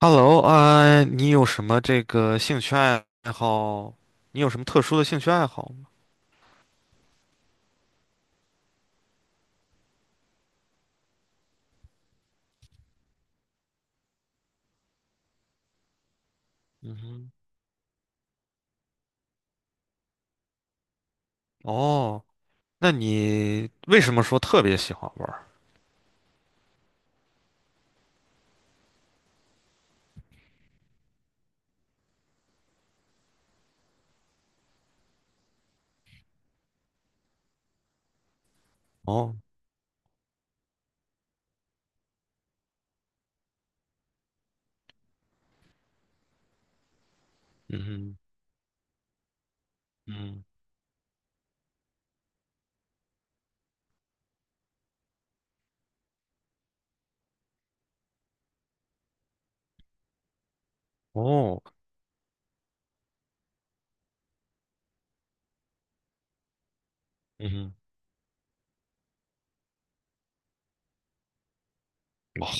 Hello 啊，你有什么这个兴趣爱好？你有什么特殊的兴趣爱好吗？嗯哼，哦，那你为什么说特别喜欢玩儿？哦，嗯哼，嗯，哦，嗯哼，哇，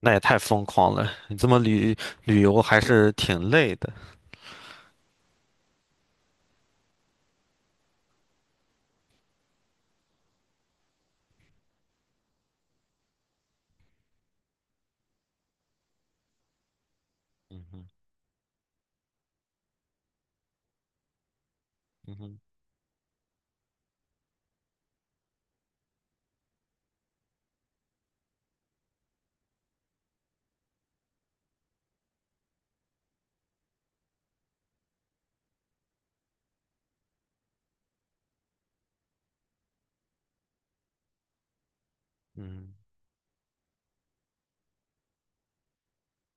那也太疯狂了！你这么旅游还是挺累的。嗯哼，嗯哼，嗯，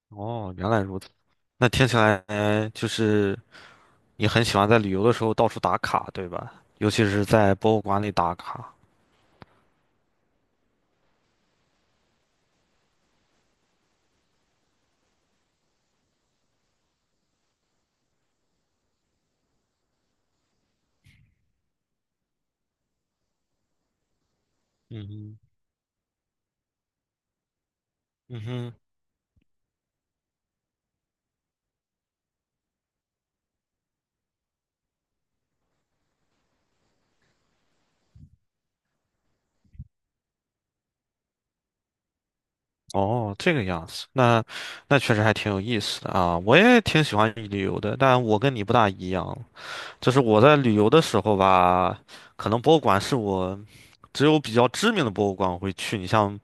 哦，原来如此。那听起来就是你很喜欢在旅游的时候到处打卡，对吧？尤其是在博物馆里打卡。嗯哼，嗯哼。哦，这个样子，那确实还挺有意思的啊！我也挺喜欢旅游的，但我跟你不大一样，就是我在旅游的时候吧，可能博物馆是我只有比较知名的博物馆我会去，你像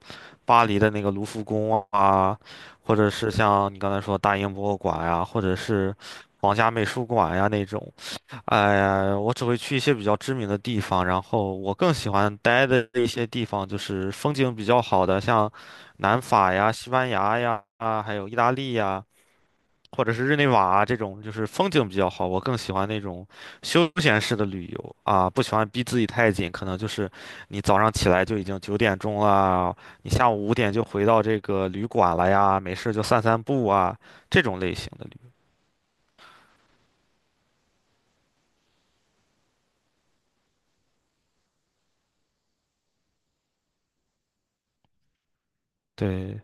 巴黎的那个卢浮宫啊，或者是像你刚才说大英博物馆呀、或者是皇家美术馆呀、那种。哎呀，我只会去一些比较知名的地方，然后我更喜欢待的一些地方就是风景比较好的，像南法呀、西班牙呀，啊，还有意大利呀，或者是日内瓦啊这种，就是风景比较好。我更喜欢那种休闲式的旅游啊，不喜欢逼自己太紧，可能就是你早上起来就已经9点钟了，你下午5点就回到这个旅馆了呀，没事就散散步啊，这种类型的旅游。对，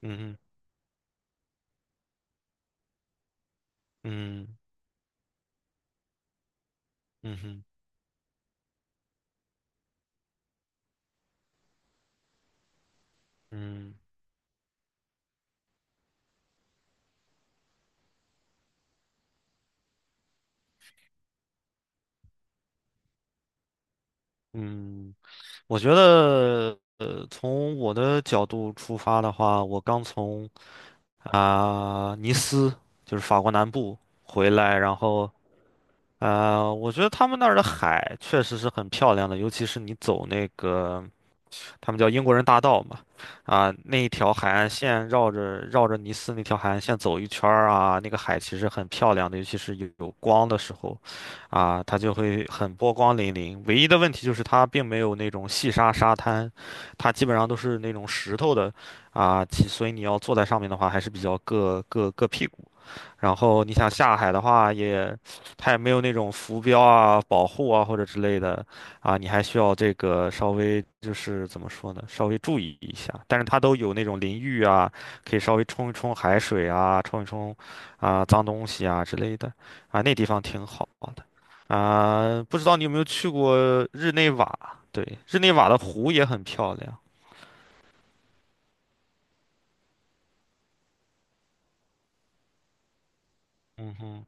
嗯哼嗯嗯哼嗯。嗯，我觉得，从我的角度出发的话，我刚从尼斯，就是法国南部回来，然后，我觉得他们那儿的海确实是很漂亮的，尤其是你走那个。他们叫英国人大道嘛，啊，那一条海岸线绕着绕着尼斯那条海岸线走一圈儿啊，那个海其实很漂亮的，尤其是有光的时候，啊，它就会很波光粼粼。唯一的问题就是它并没有那种细沙沙滩，它基本上都是那种石头的，啊，所以你要坐在上面的话，还是比较硌屁股。然后你想下海的话也，它也没有那种浮标啊、保护啊或者之类的啊，你还需要这个稍微就是怎么说呢，稍微注意一下。但是它都有那种淋浴啊，可以稍微冲一冲海水啊，冲一冲啊脏东西啊之类的啊，那地方挺好的啊。不知道你有没有去过日内瓦？对，日内瓦的湖也很漂亮。嗯哼，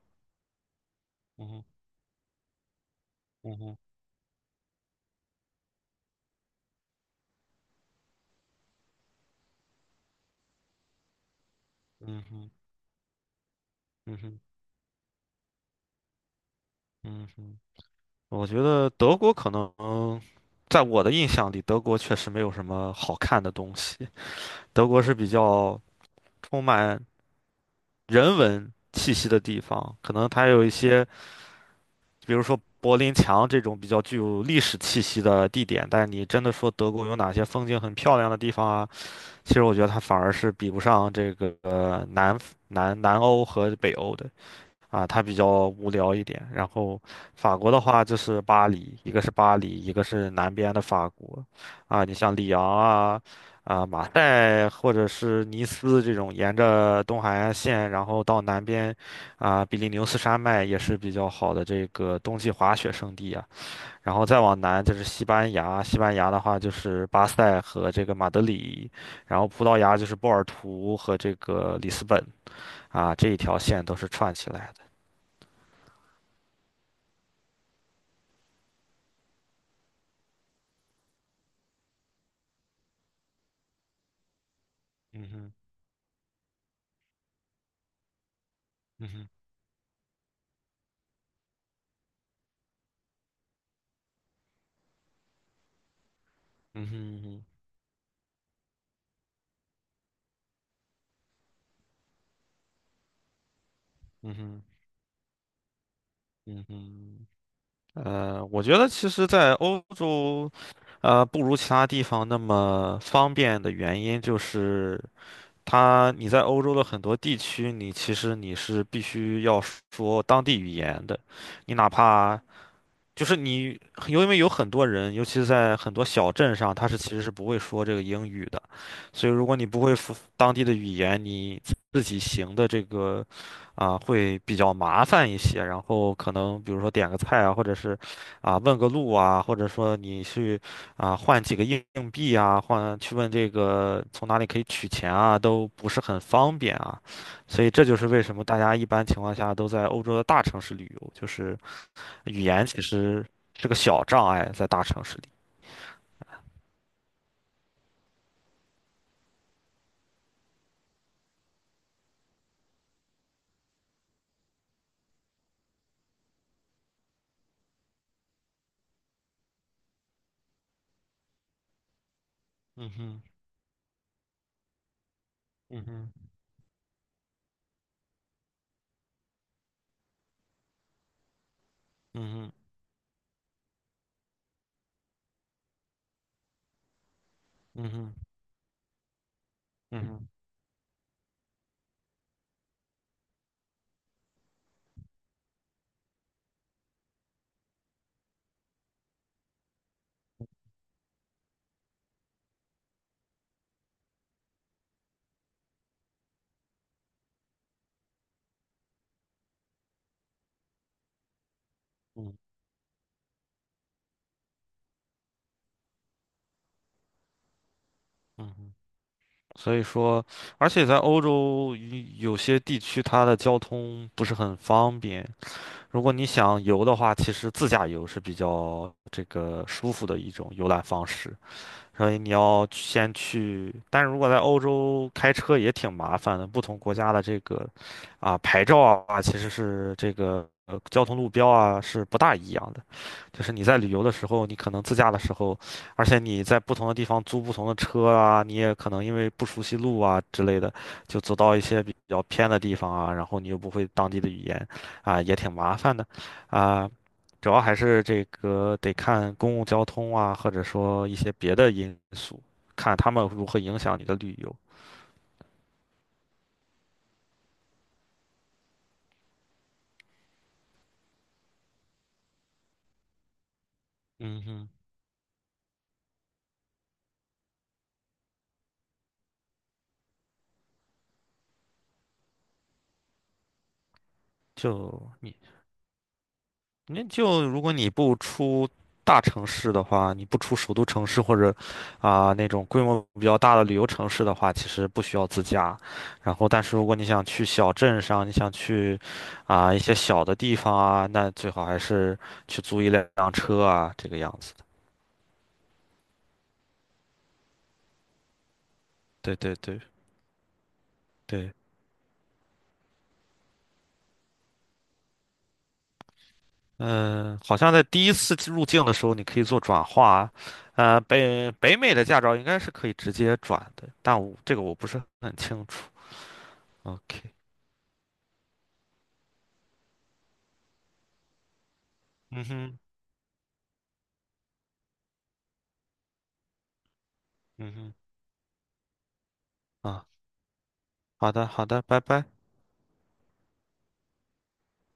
嗯哼，嗯哼，嗯哼，嗯哼。我觉得德国可能，在我的印象里，德国确实没有什么好看的东西。德国是比较充满人文气息的地方，可能它有一些，比如说柏林墙这种比较具有历史气息的地点。但你真的说德国有哪些风景很漂亮的地方啊？其实我觉得它反而是比不上这个南欧和北欧的。啊，它比较无聊一点。然后法国的话就是巴黎，一个是巴黎，一个是南边的法国，啊，你像里昂啊，啊马赛或者是尼斯这种，沿着东海岸线，然后到南边，啊比利牛斯山脉也是比较好的这个冬季滑雪胜地啊。然后再往南就是西班牙，西班牙的话就是巴塞和这个马德里，然后葡萄牙就是波尔图和这个里斯本啊，这一条线都是串起来的。嗯哼。嗯哼，嗯哼，嗯哼，嗯哼，我觉得其实，在欧洲，不如其他地方那么方便的原因，就是你在欧洲的很多地区，你其实你是必须要说当地语言的，你哪怕就是你，因为有很多人，尤其是在很多小镇上，他是其实是不会说这个英语的，所以如果你不会说当地的语言，你自己行的这个会比较麻烦一些。然后可能比如说点个菜啊，或者是问个路啊，或者说你去换几个硬币啊，去问这个从哪里可以取钱啊，都不是很方便啊。所以这就是为什么大家一般情况下都在欧洲的大城市旅游，就是。语言其实是个小障碍，在大城市里。嗯哼，嗯哼，嗯哼，嗯哼，嗯哼，嗯嗯哼，所以说，而且在欧洲有些地区，它的交通不是很方便。如果你想游的话，其实自驾游是比较这个舒服的一种游览方式。所以你要先去，但是如果在欧洲开车也挺麻烦的，不同国家的这个啊牌照啊，其实是这个交通路标啊是不大一样的。就是你在旅游的时候，你可能自驾的时候，而且你在不同的地方租不同的车啊，你也可能因为不熟悉路啊之类的，就走到一些比较偏的地方啊，然后你又不会当地的语言，啊，也挺麻烦的，啊。主要还是这个得看公共交通啊，或者说一些别的因素，看他们如何影响你的旅游。嗯哼，就你，那就如果你不出大城市的话，你不出首都城市或者那种规模比较大的旅游城市的话，其实不需要自驾。然后，但是如果你想去小镇上，你想去一些小的地方啊，那最好还是去租一辆车啊，这个样子的。对对对对。嗯，好像在第一次入境的时候，你可以做转化。北美的驾照应该是可以直接转的，但我这个我不是很清楚。OK,嗯哼，嗯哼，啊，好的，好的，拜拜。